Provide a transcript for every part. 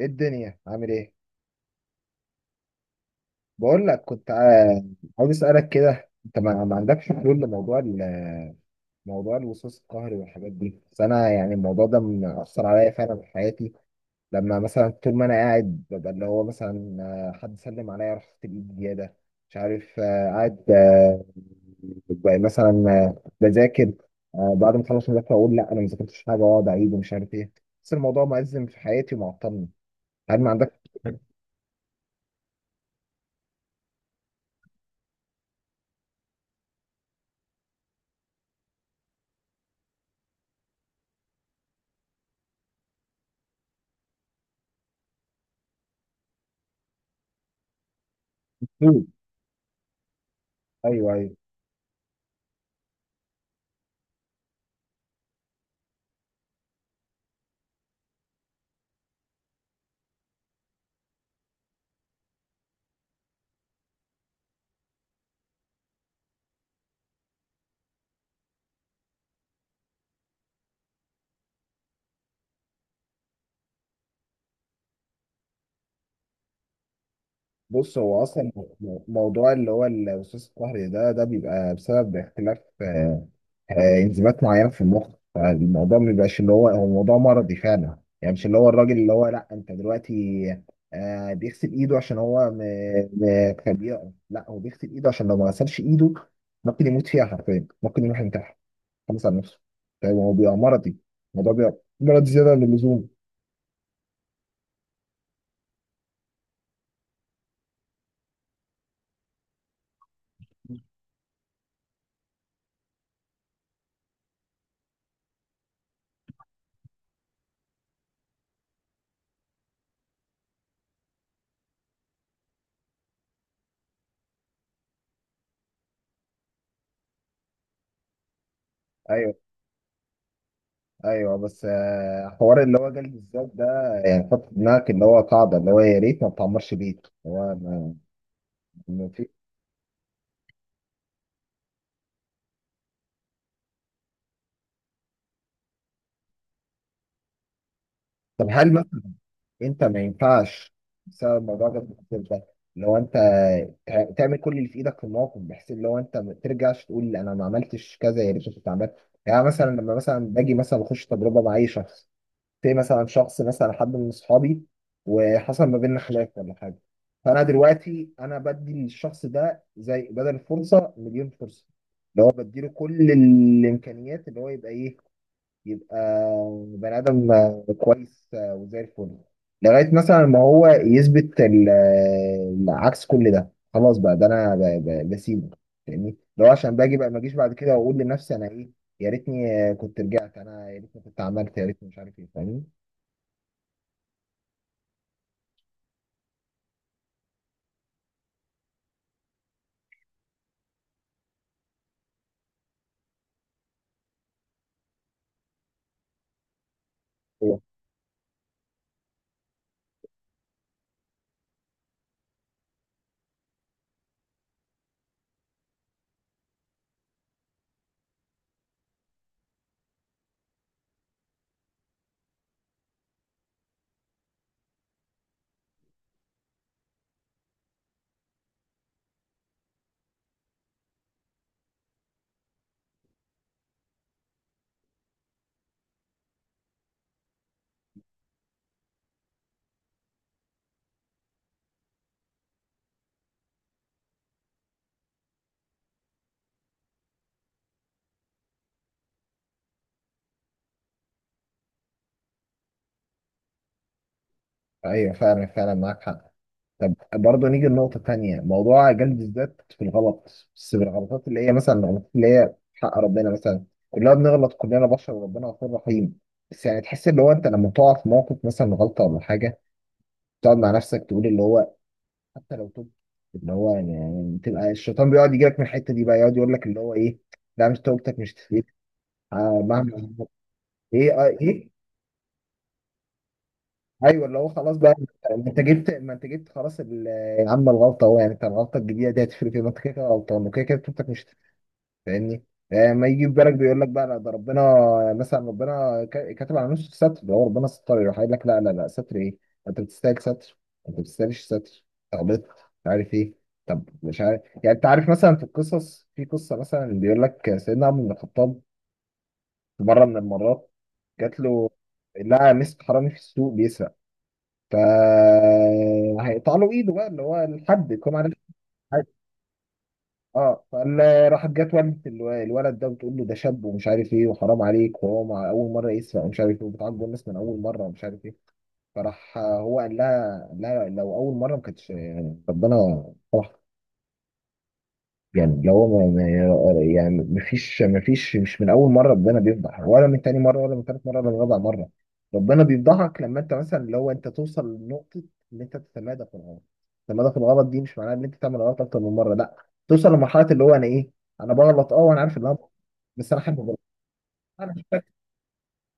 ايه الدنيا عامل ايه؟ بقول لك، كنت عاوز اسالك كده، انت ما عندكش حلول لموضوع موضوع الوسواس القهري والحاجات دي؟ بس انا يعني الموضوع ده مأثر عليا فعلا في حياتي. لما مثلا طول ما انا قاعد، ببقى اللي هو مثلا حد سلم عليا رحت الايد زياده، مش عارف قاعد ببقى مثلا بذاكر، بعد ما اخلص مذاكره اقول لا انا ما ذاكرتش حاجه واقعد اعيد ومش عارف ايه. بس الموضوع مأزم في حياتي ومعطلني. هل ما عندكش حلول؟ ايوه ايوه. بص، هو اصلا موضوع اللي هو الوسواس القهري ده بيبقى بسبب اختلاف انزيمات معينه في المخ. فالموضوع ما بيبقاش اللي هو هو موضوع مرضي فعلا، يعني مش اللي هو الراجل اللي هو، لا، انت دلوقتي بيغسل ايده عشان هو خبيئه، لا، هو بيغسل ايده عشان لو ما غسلش ايده ممكن يموت فيها حرفيا، ممكن يروح ينتحر، خلص على نفسه. طيب هو بيبقى مرضي، الموضوع بيبقى مرض زياده عن اللزوم. ايوه ايوه بس حوار اللي هو جلد الذات ده، يعني حط في دماغك اللي هو قاعده اللي هو يا ريت ما بتعمرش بيت، هو ما، ما في. طب هل مثلا انت ما ينفعش، بسبب الموضوع ده، بتبقى لو انت تعمل كل اللي في ايدك في الموقف، بحيث اللي هو انت ما ترجعش تقول انا ما عملتش كذا يا ريت كنت عملت. يعني مثلا لما مثلا باجي مثلا اخش تجربه مع اي شخص، زي مثلا شخص مثلا حد من اصحابي، وحصل ما بيننا خلاف ولا حاجه، فانا دلوقتي انا بدي للشخص ده زي بدل فرصه مليون فرصه، اللي هو بديله كل الامكانيات، اللي هو يبقى ايه، يبقى بني ادم كويس وزي الفل، لغايه مثلا ما هو يثبت عكس كل ده، خلاص بقى ده انا بسيبه. فاهمني؟ لو عشان باجي بقى ما اجيش بعد كده واقول لنفسي انا ايه، يا ريتني كنت رجعت، انا يا ريتني كنت عملت، يا ريتني مش عارف ايه. فاهمني؟ ايوه. أيوة، فعلا فعلا معاك حق. طب برضه نيجي لنقطة تانية، موضوع جلد الذات في الغلط، بس بالغلطات اللي هي مثلا الغلطات اللي هي حق ربنا مثلا. كلنا بنغلط، كلنا بشر وربنا غفور رحيم. بس يعني تحس اللي هو انت لما تقع في موقف مثلا غلطة ولا حاجة، تقعد مع نفسك تقول اللي هو حتى لو تبت، اللي هو يعني تبقى الشيطان بيقعد يجيلك من الحتة دي بقى، يقعد يقول لك اللي هو ايه، لا مش توبتك مش تفيد، آه، مهما عملت. ايه آه ايه. ايوه اللي هو خلاص بقى، ما انت جبت خلاص يا عم الغلطه اهو، يعني انت الغلطه الجديده دي هتفرق ايه، ما انت كده كده غلطان وكده كده بتوبتك مش هتفرق، فاهمني؟ ما يجي في بالك بيقول لك بقى لا ده ربنا مثلا ربنا كاتب على نفسه الستر، ده هو ربنا ستر، يروح قايل لك لا لا لا ستر ايه، انت بتستاهل ستر، انت ما بتستاهلش ستر، غلطت، مش عارف ايه. طب مش عارف، يعني انت عارف مثلا في القصص في قصه مثلا بيقول لك سيدنا عمر بن الخطاب في مره من المرات جات له، لقى مسك حرامي في السوق بيسرق، فهيقطع له ايده بقى اللي هو الحد، يكون عارف الحد؟ اه، فراحت جت والدة الولد ده بتقول له ده شاب ومش عارف ايه وحرام عليك وهو مع اول مره يسرق ومش عارف ايه وبتعاقبه الناس من اول مره ومش عارف ايه. فراح هو قال لها لو اول مره ما كانتش، يعني ربنا سمح. يعني اللي هو يعني مفيش مش من اول مره ربنا بيفضح، ولا من تاني مره، ولا من تالت مره، ولا من رابع مره. ربنا بيفضحك لما انت مثلا اللي هو انت توصل لنقطه ان انت تتمادى في الغلط. التمادى في الغلط دي مش معناها ان انت تعمل غلط اكتر من مره، لا، توصل لمرحله اللي هو انا ايه، انا بغلط اه وانا عارف ان انا بغلط، بس انا حابب أغلط. انا مش،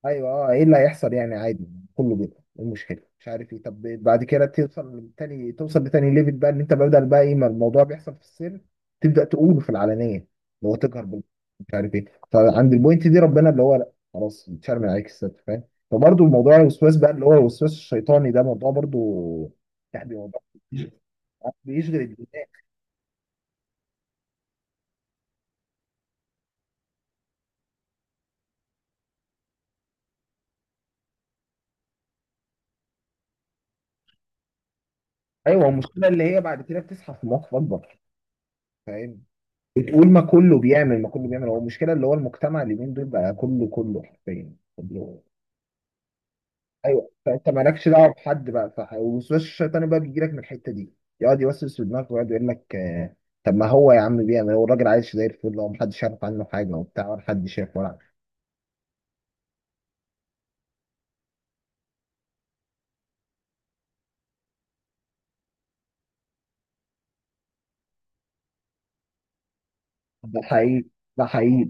ايوه اه ايه اللي هيحصل يعني عادي، كله بيبقى إيه المشكله مش عارف ايه. طب بعد كده توصل لتاني ليفل بقى، ان انت بدل بقى ايه ما الموضوع بيحصل في السر، تبدا تقوله في العلانيه، اللي هو تجهر بال، مش عارف ايه. فعند البوينت دي ربنا اللي هو لا خلاص اتشرم عليك الستر، فاهم؟ فبرضه الموضوع الوسواس بقى اللي هو الوسواس الشيطاني ده موضوع برضه، يعني موضوع بيشغل الدماغ. ايوه المشكله اللي هي بعد كده بتصحى في مواقف اكبر، فاهم؟ بتقول ما كله بيعمل، ما كله بيعمل، هو المشكله اللي هو المجتمع اليومين دول بقى كله، كله حرفيا كله. ايوه، فانت مالكش دعوه بحد بقى صح، والوسواس الشيطاني بقى بيجي لك من الحته دي، يقعد يوسوس في دماغك ويقعد يقول لك طب ما هو يا عم بيعمل، هو الراجل عايش زي الفل، هو محدش يعرف عنه حاجه وبتاع، ولا حد شاف ولا عارف. ده حقيقي، ده حقيقي.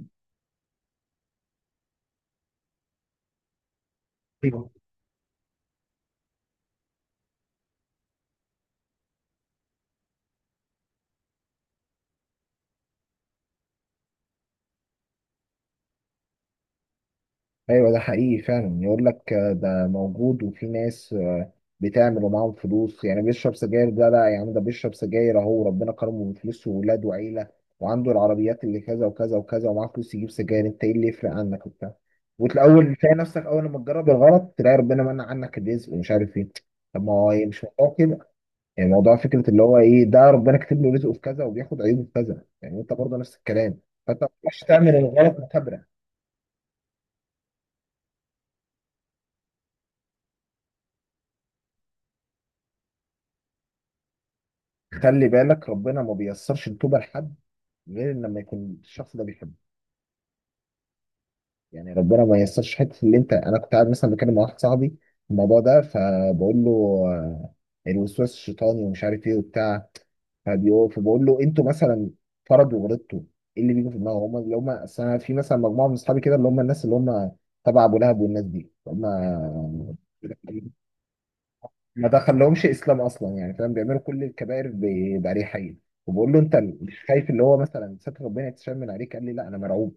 ايوه ده حقيقي فعلا، يقول لك ده موجود، وفي ناس بتعمل ومعاهم فلوس، يعني بيشرب سجاير ده، لا يا عم، ده بيشرب سجاير اهو، ربنا كرمه بفلوس وولاد وعيله، وعنده العربيات اللي كذا وكذا وكذا ومعاه فلوس يجيب سجاير، انت ايه اللي يفرق عنك وبتاع. وتلاقول تلاقي نفسك اول ما تجرب الغلط تلاقي ربنا منع عنك الرزق ومش عارف ايه. طب ما هو إيه، مش موضوع كده، يعني موضوع فكره اللي هو ايه، ده ربنا كاتب له رزقه في كذا وبياخد عيوبه في كذا، يعني انت برضه نفس الكلام، فانت مش تعمل الغلط متبرع. خلي بالك، ربنا ما بيسرش التوبه لحد غير لما يكون الشخص ده بيحبه. يعني ربنا ما ييسرش حته اللي انت، انا كنت قاعد مثلا بتكلم مع واحد صاحبي في الموضوع ده، فبقول له آه، الوسواس الشيطاني ومش عارف ايه وبتاع، فبقول له انتوا مثلا فرض وغلطتوا ايه اللي بيجي في دماغهم هم، اللي هم اصل انا في مثلا مجموعه من اصحابي كده اللي هم الناس اللي هم تبع ابو لهب والناس دي هم، ما دخلهمش اسلام اصلا يعني فاهم، بيعملوا كل الكبائر باريحيه. وبقول له انت مش خايف اللي هو مثلا ستر ربنا يتشمل عليك، قال لي لا انا مرعوب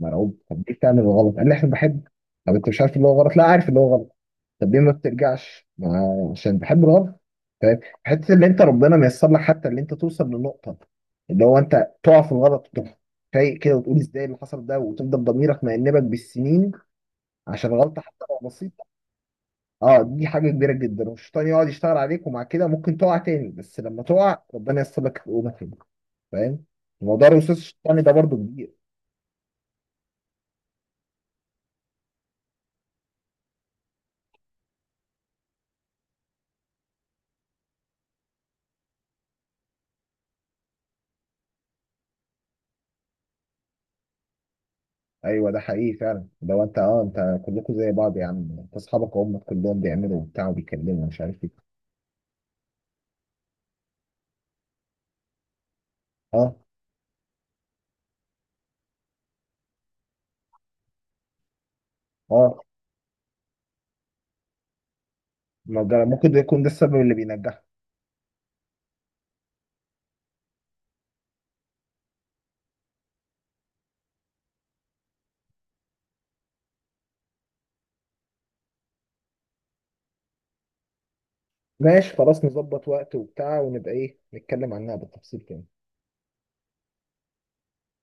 مرعوب. طب ليه بتعمل الغلط؟ قال لي عشان بحب. طب انت مش عارف اللي هو غلط؟ لا عارف اللي هو غلط. طب ليه ما بترجعش؟ ما عشان بحب الغلط. فاهم؟ حته اللي انت ربنا ميسر لك حتى اللي انت توصل لنقطه اللي هو انت تقع في الغلط وتروح فايق كده وتقول ازاي اللي حصل ده، وتفضل ضميرك مأنبك بالسنين عشان غلطه حتى لو بسيطه. اه دي حاجه كبيره جدا، والشيطان يقعد يشتغل عليك، ومع كده ممكن تقع تاني، بس لما تقع ربنا ييسر لك تقوم تاني. فاهم؟ موضوع الوسواس الشيطاني ده برضو كبير. ايوه ده حقيقي فعلا، لو انت اه انت كلكم زي بعض يا عم، انت اصحابك وامك كلهم بيعملوا وبتاع وبيكلموا مش عارف ايه. اه اه ما ده ممكن ده يكون ده السبب اللي بينجحك. ماشي خلاص، نظبط وقت وبتاع ونبقى ايه نتكلم عنها بالتفصيل تاني.